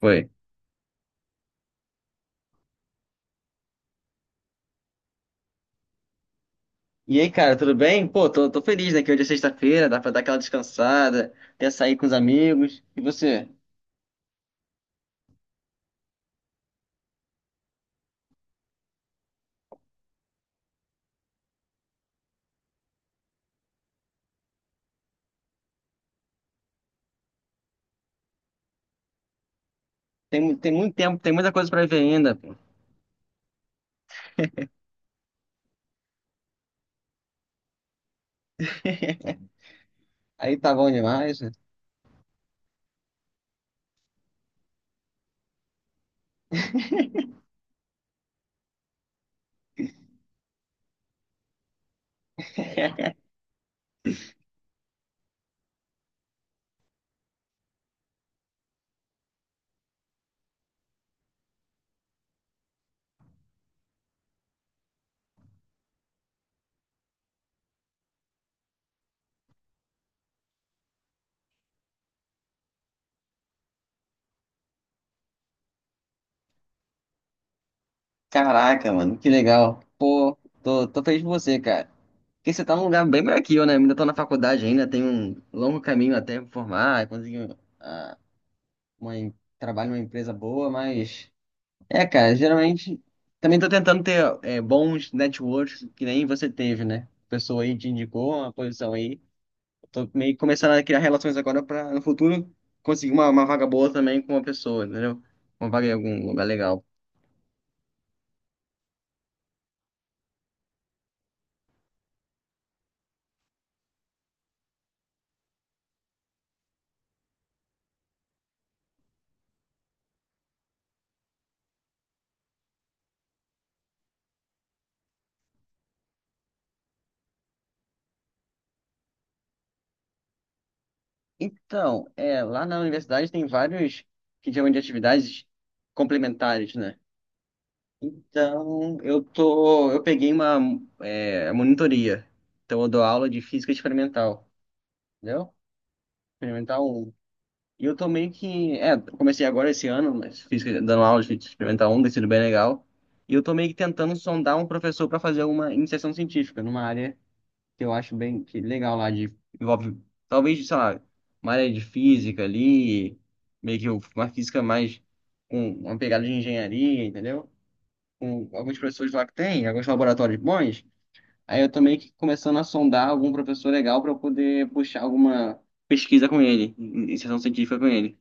Foi. E aí, cara, tudo bem? Pô, tô feliz, né? Que hoje é sexta-feira, dá pra dar aquela descansada, até sair com os amigos. E você? Tem, tem muito tempo, tem muita coisa pra ver ainda, pô. Aí tá bom demais, né? Caraca, mano, que legal. Pô, tô feliz por você, cara. Porque você tá num lugar bem melhor que eu, né? Ainda tô na faculdade ainda, tenho um longo caminho até me formar, conseguir ah, uma, trabalho numa empresa boa, mas. É, cara, geralmente também tô tentando ter bons networks que nem você teve, né? A pessoa aí te indicou uma posição aí. Tô meio que começando a criar relações agora pra no futuro conseguir uma vaga boa também com uma pessoa, entendeu? Uma vaga em algum lugar legal. Então, é, lá na universidade tem vários que chamam de atividades complementares, né? Então, eu tô, eu peguei uma monitoria. Então, eu dou aula de física experimental, entendeu? Experimental um. E eu tô que. É, comecei agora esse ano, mas fiz dando aula de experimental 1, tem sido bem legal. E eu tô meio que tentando sondar um professor para fazer uma iniciação científica numa área que eu acho bem que legal lá, de. Envolve, talvez, sei lá, uma área de física ali, meio que uma física mais com uma pegada de engenharia, entendeu? Com alguns professores lá que tem, alguns laboratórios bons. Aí eu tô meio que começando a sondar algum professor legal para eu poder puxar alguma pesquisa com ele, iniciação científica com ele.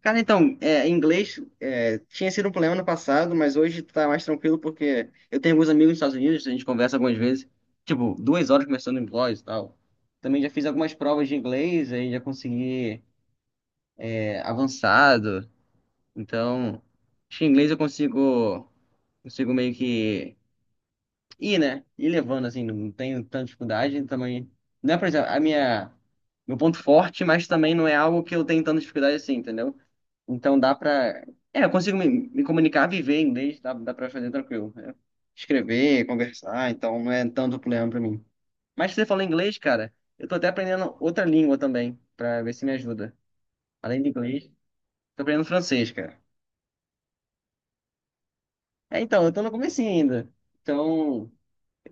Cara, então, é, em inglês é, tinha sido um problema no passado, mas hoje tá mais tranquilo porque eu tenho alguns amigos nos Estados Unidos, a gente conversa algumas vezes, tipo, duas horas conversando em blogs e tal. Também já fiz algumas provas de inglês, aí já consegui avançado. Então, acho que em inglês eu consigo, consigo meio que né? E levando, assim, não tenho tanta dificuldade também. Não é, por exemplo, a minha. Meu ponto forte, mas também não é algo que eu tenho tanta dificuldade assim, entendeu? Então dá pra. É, eu consigo me comunicar, viver em inglês, dá pra fazer tranquilo, né? Escrever, conversar, então não é tanto problema pra mim. Mas se você fala inglês, cara, eu tô até aprendendo outra língua também, pra ver se me ajuda. Além de inglês, tô aprendendo francês, cara. É, então, eu tô no comecinho ainda. Então,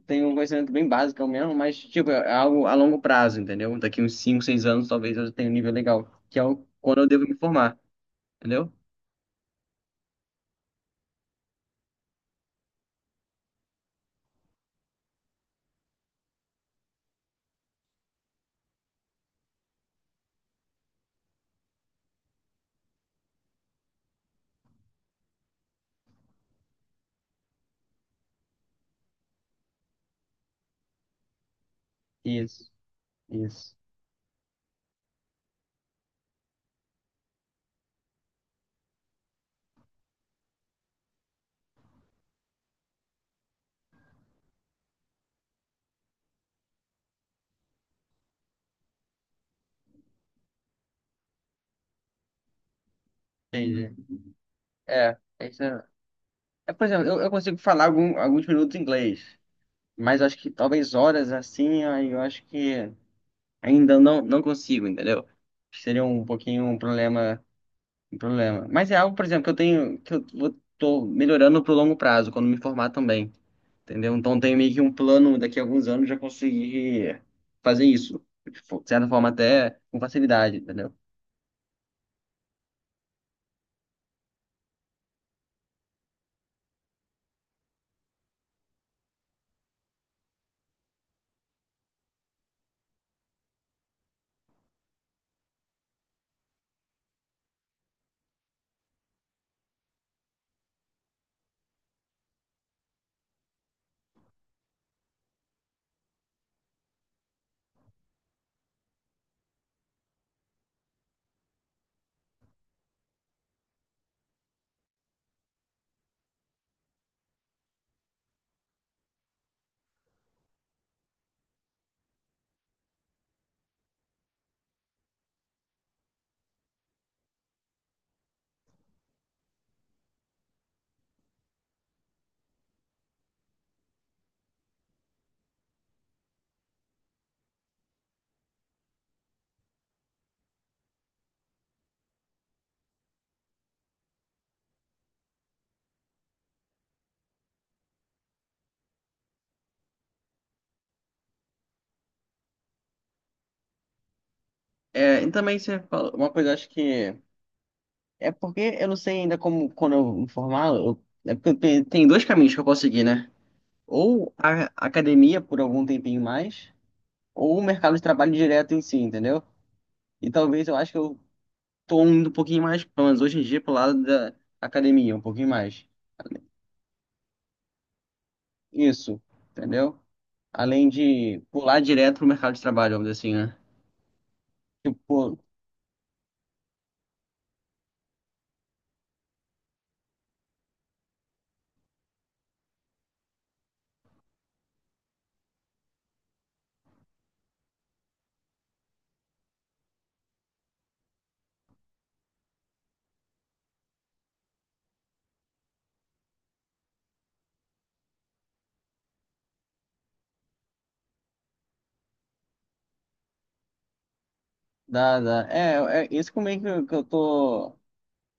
tenho um conhecimento bem básico mesmo, mas, tipo, é algo a longo prazo, entendeu? Daqui uns 5 seis anos, talvez eu já tenha um nível legal, quando eu devo me formar, entendeu? Isso, isso. Entendi. É, é isso. É, é, por exemplo, eu consigo falar alguns minutos em inglês, mas acho que talvez horas assim, aí eu acho que ainda não, não consigo, entendeu? Seria um pouquinho um problema, um problema. Mas é algo, por exemplo, que eu tenho, tô melhorando pro longo prazo, quando me formar também. Entendeu? Então tem meio que um plano daqui a alguns anos já conseguir fazer isso. Tipo, de certa forma, até com facilidade, entendeu? É, e também você falou uma coisa, eu acho que. É porque eu não sei ainda como, quando eu me formar, é porque tem dois caminhos que eu posso seguir, né? Ou a academia por algum tempinho mais, ou o mercado de trabalho direto em si, entendeu? E talvez eu acho que eu tô indo um pouquinho mais, pelo menos hoje em dia, pro lado da academia, um pouquinho mais. Isso, entendeu? Além de pular direto pro mercado de trabalho, vamos dizer assim, né? Tipo, dá. É, é isso como é que eu tô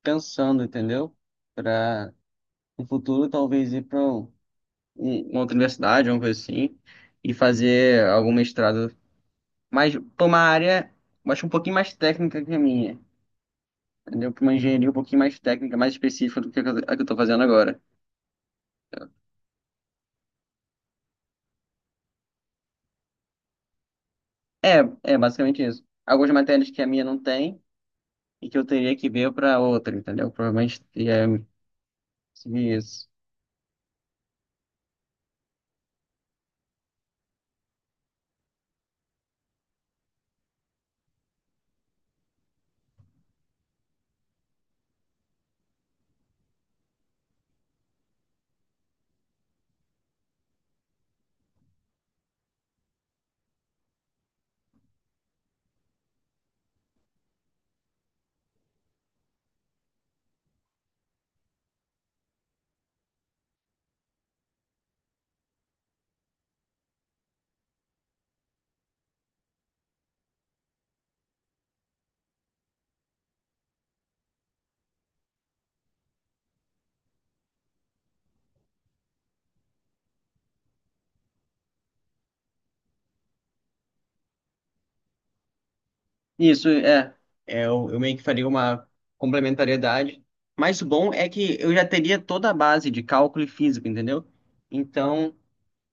pensando, entendeu? Pra no futuro talvez ir pra um, uma outra universidade, uma coisa assim, e fazer algum mestrado, mas pra uma área, eu acho um pouquinho mais técnica que a minha, entendeu? Pra uma engenharia um pouquinho mais técnica, mais específica do que a que eu tô fazendo agora. É, é basicamente isso. Algumas matérias que a minha não tem e que eu teria que ver pra outra, entendeu? Provavelmente é isso. Isso, é. É, eu meio que faria uma complementariedade. Mas o bom é que eu já teria toda a base de cálculo e física, entendeu? Então,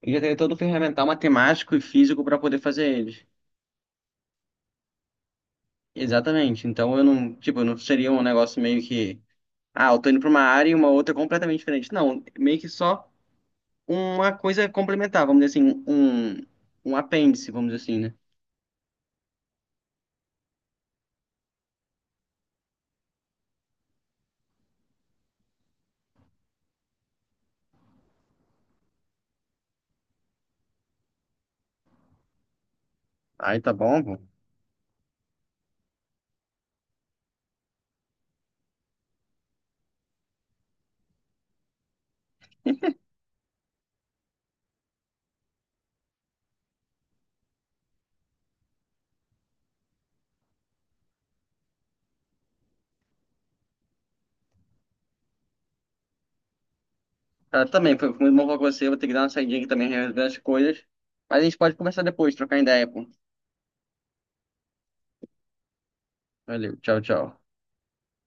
eu já teria todo o ferramental matemático e físico para poder fazer eles. Exatamente. Então, eu não, tipo, não seria um negócio meio que, ah, eu tô indo para uma área e uma outra é completamente diferente. Não, meio que só uma coisa complementar, vamos dizer assim, um apêndice, vamos dizer assim, né? Aí tá bom, pô. Cara, também, foi muito bom falar com você. Eu vou ter que dar uma saidinha aqui também, resolver as coisas. Mas a gente pode conversar depois, trocar ideia, pô. Valeu, tchau, tchau.